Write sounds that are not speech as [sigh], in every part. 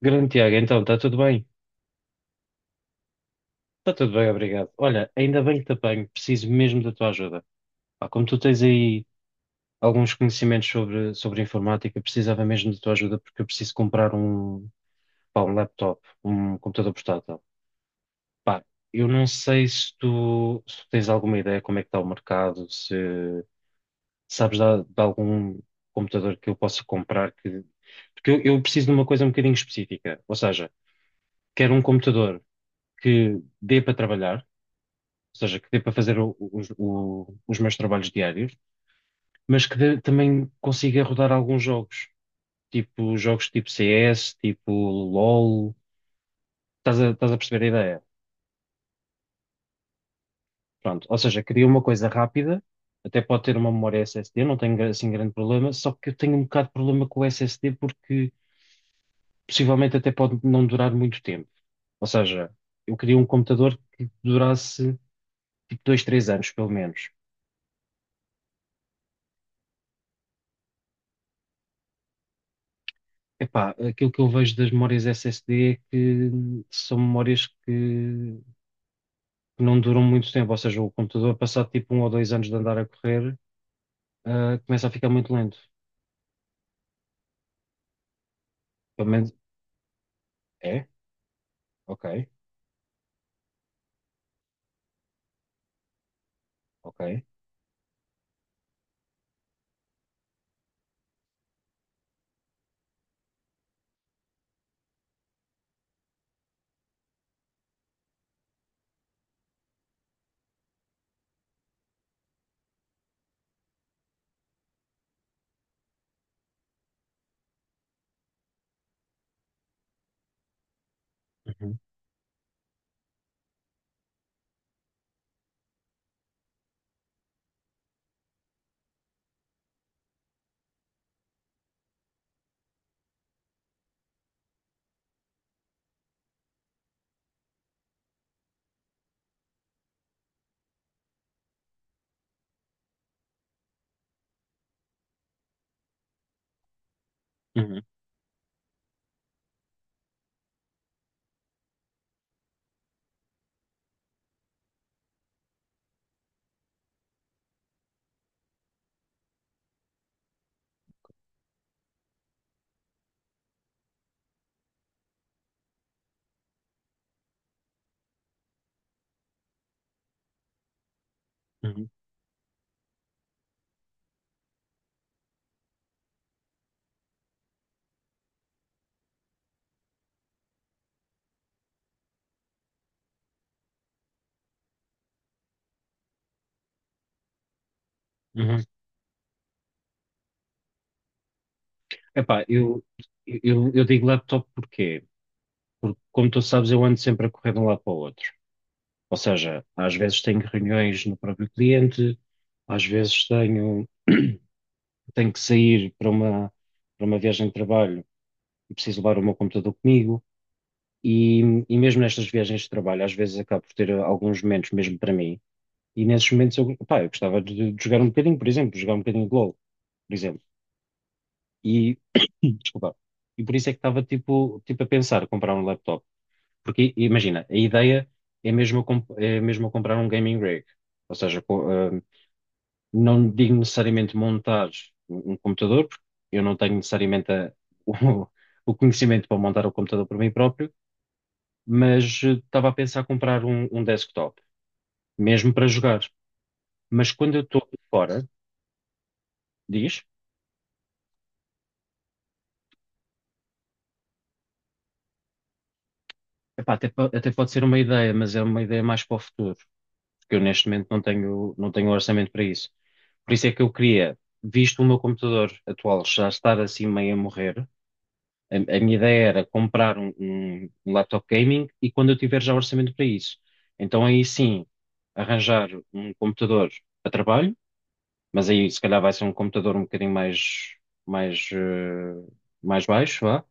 Grande Tiago, então, está tudo bem? Está tudo bem, obrigado. Olha, ainda bem que te apanho, preciso mesmo da tua ajuda. Pá, como tu tens aí alguns conhecimentos sobre informática, precisava mesmo da tua ajuda porque eu preciso comprar um, pá, um laptop, um computador portátil. Pá, eu não sei se tu tens alguma ideia como é que está o mercado, se sabes de algum computador que eu possa comprar que... Porque eu preciso de uma coisa um bocadinho específica, ou seja, quero um computador que dê para trabalhar, ou seja, que dê para fazer os meus trabalhos diários, mas também consiga rodar alguns jogos tipo CS, tipo LOL, estás a perceber a ideia? Pronto, ou seja, queria uma coisa rápida, até pode ter uma memória SSD, não tenho assim grande problema, só que eu tenho um bocado de problema com o SSD porque possivelmente até pode não durar muito tempo. Ou seja, eu queria um computador que durasse tipo 2 ou 3 anos, pelo menos. Epá, aquilo que eu vejo das memórias SSD é que são memórias que não duram muito tempo, ou seja, o computador, passado tipo um ou 2 anos de andar a correr, começa a ficar muito lento. Pelo menos é? Ok, ok. Uhum, uhum, uhum, uhum. Epá, eu digo laptop porque, como tu sabes, eu ando sempre a correr de um lado para o outro. Ou seja, às vezes tenho reuniões no próprio cliente, às vezes tenho, tenho que sair para para uma viagem de trabalho eu preciso levar o meu computador comigo e, e mesmo nestas viagens de trabalho, às vezes acabo por ter alguns momentos mesmo para mim e nesses momentos eu, pá, eu gostava de jogar um bocadinho, por exemplo, jogar um bocadinho de LOL, por exemplo. E, [coughs] [clears throat] desculpa, e por isso é que estava tipo a pensar comprar um laptop. Porque imagina, a ideia é mesmo é mesmo eu comprar um gaming rig. Ou seja, não digo necessariamente montar um computador, porque eu não tenho necessariamente [laughs] o, o conhecimento para montar o computador por mim próprio mas estava a pensar comprar um, um desktop, mesmo para jogar. Mas quando eu estou fora, diz, epá, até pode ser uma ideia, mas é uma ideia mais para o futuro, porque eu neste momento não tenho, não tenho orçamento para isso. Por isso é que eu queria, visto o meu computador atual já estar assim meio a morrer, a minha ideia era comprar um, um laptop gaming e quando eu tiver já orçamento para isso. Então aí sim, arranjar um computador para trabalho. Mas aí se calhar vai ser um computador um bocadinho mais, mais, eh, mais baixo, vá.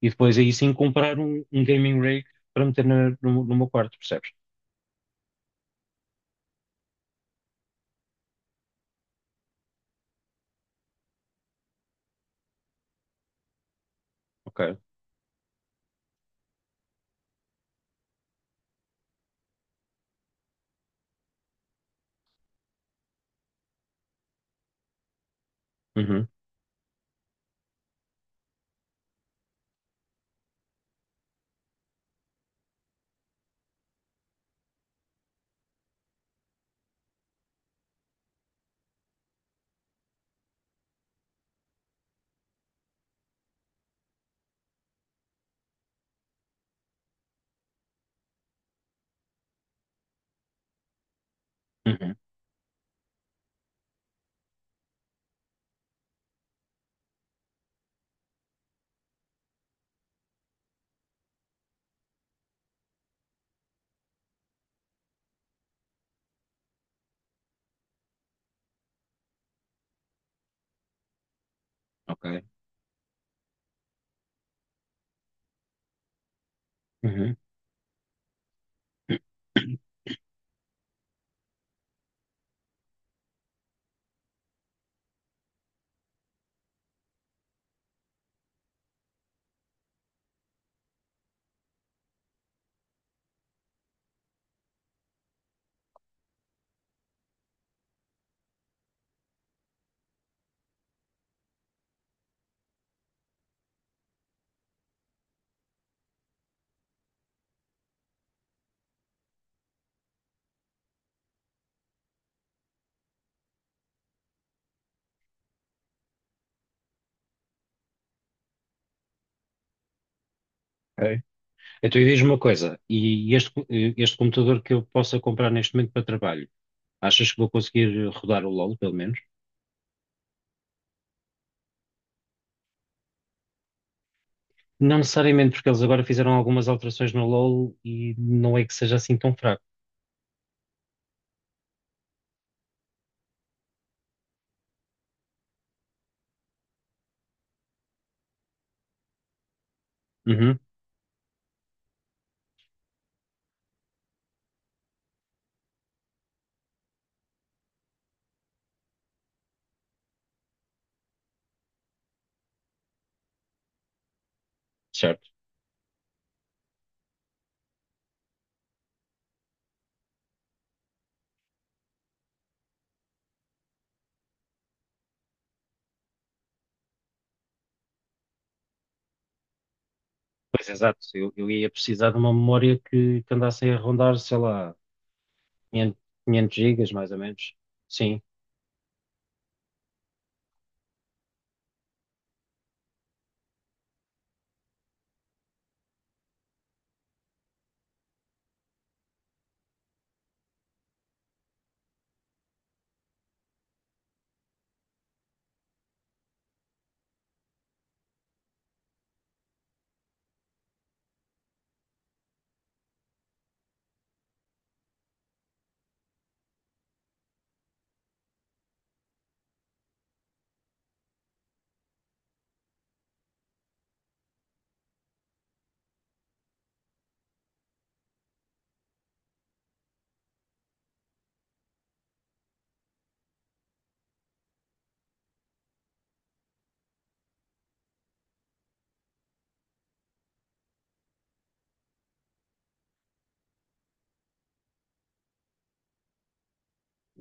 E depois aí sim comprar um, um gaming rig para meter no, no meu quarto, percebes? Ok. Uhum, uhum, ok. Uhum, [coughs] ok. Então e diz-me uma coisa, e este, este computador que eu possa comprar neste momento para trabalho, achas que vou conseguir rodar o LoL, pelo menos? Não necessariamente, porque eles agora fizeram algumas alterações no LoL e não é que seja assim tão fraco. Uhum, certo. Pois, exato. Eu ia precisar de uma memória que andasse aí a rondar, sei lá, 500, 500 gigas, mais ou menos. Sim,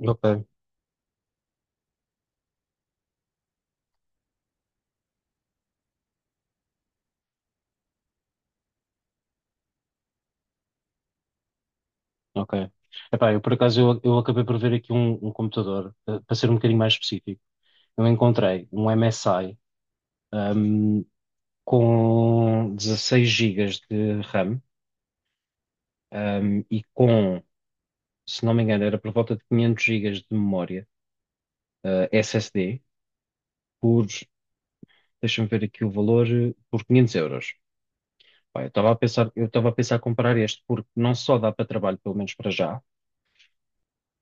ok, ok. Epá, eu por acaso, eu acabei por ver aqui um, um computador, eh, para ser um bocadinho mais específico. Eu encontrei um MSI, ahm, com 16 GB de RAM, e se não me engano, era por volta de 500 GB de memória, SSD, por, deixa-me ver aqui o valor, por 500 euros. Pá, eu estava a pensar em comprar este, porque não só dá para trabalho, pelo menos para já,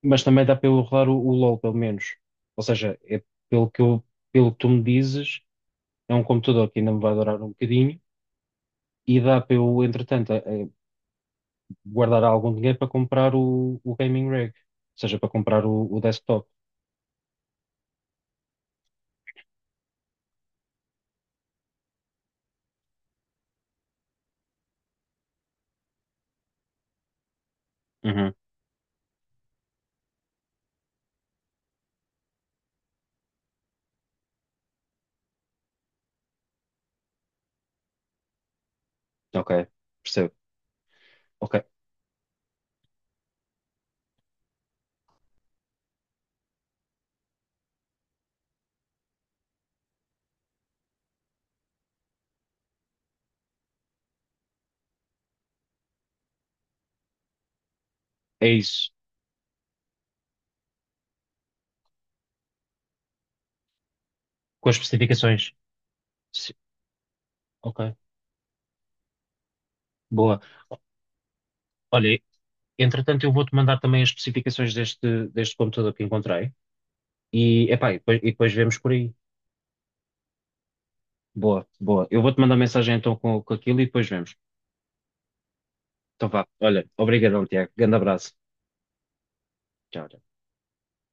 mas também dá para eu rodar o LOL, pelo menos. Ou seja, é pelo que eu, pelo que tu me dizes, é um computador que ainda me vai durar um bocadinho e dá para eu, entretanto, a guardar algum dinheiro para comprar o gaming rig, ou seja, para comprar o desktop. Uhum. Ok, percebo. Ok, é isso. Com as especificações. Sim. Ok, boa. Olha, entretanto, eu vou-te mandar também as especificações deste, deste computador que encontrei. E, epá, e depois vemos por aí. Boa, boa. Eu vou-te mandar mensagem então com aquilo e depois vemos. Então vá. Olha, obrigado Tiago. Grande abraço. Tchau.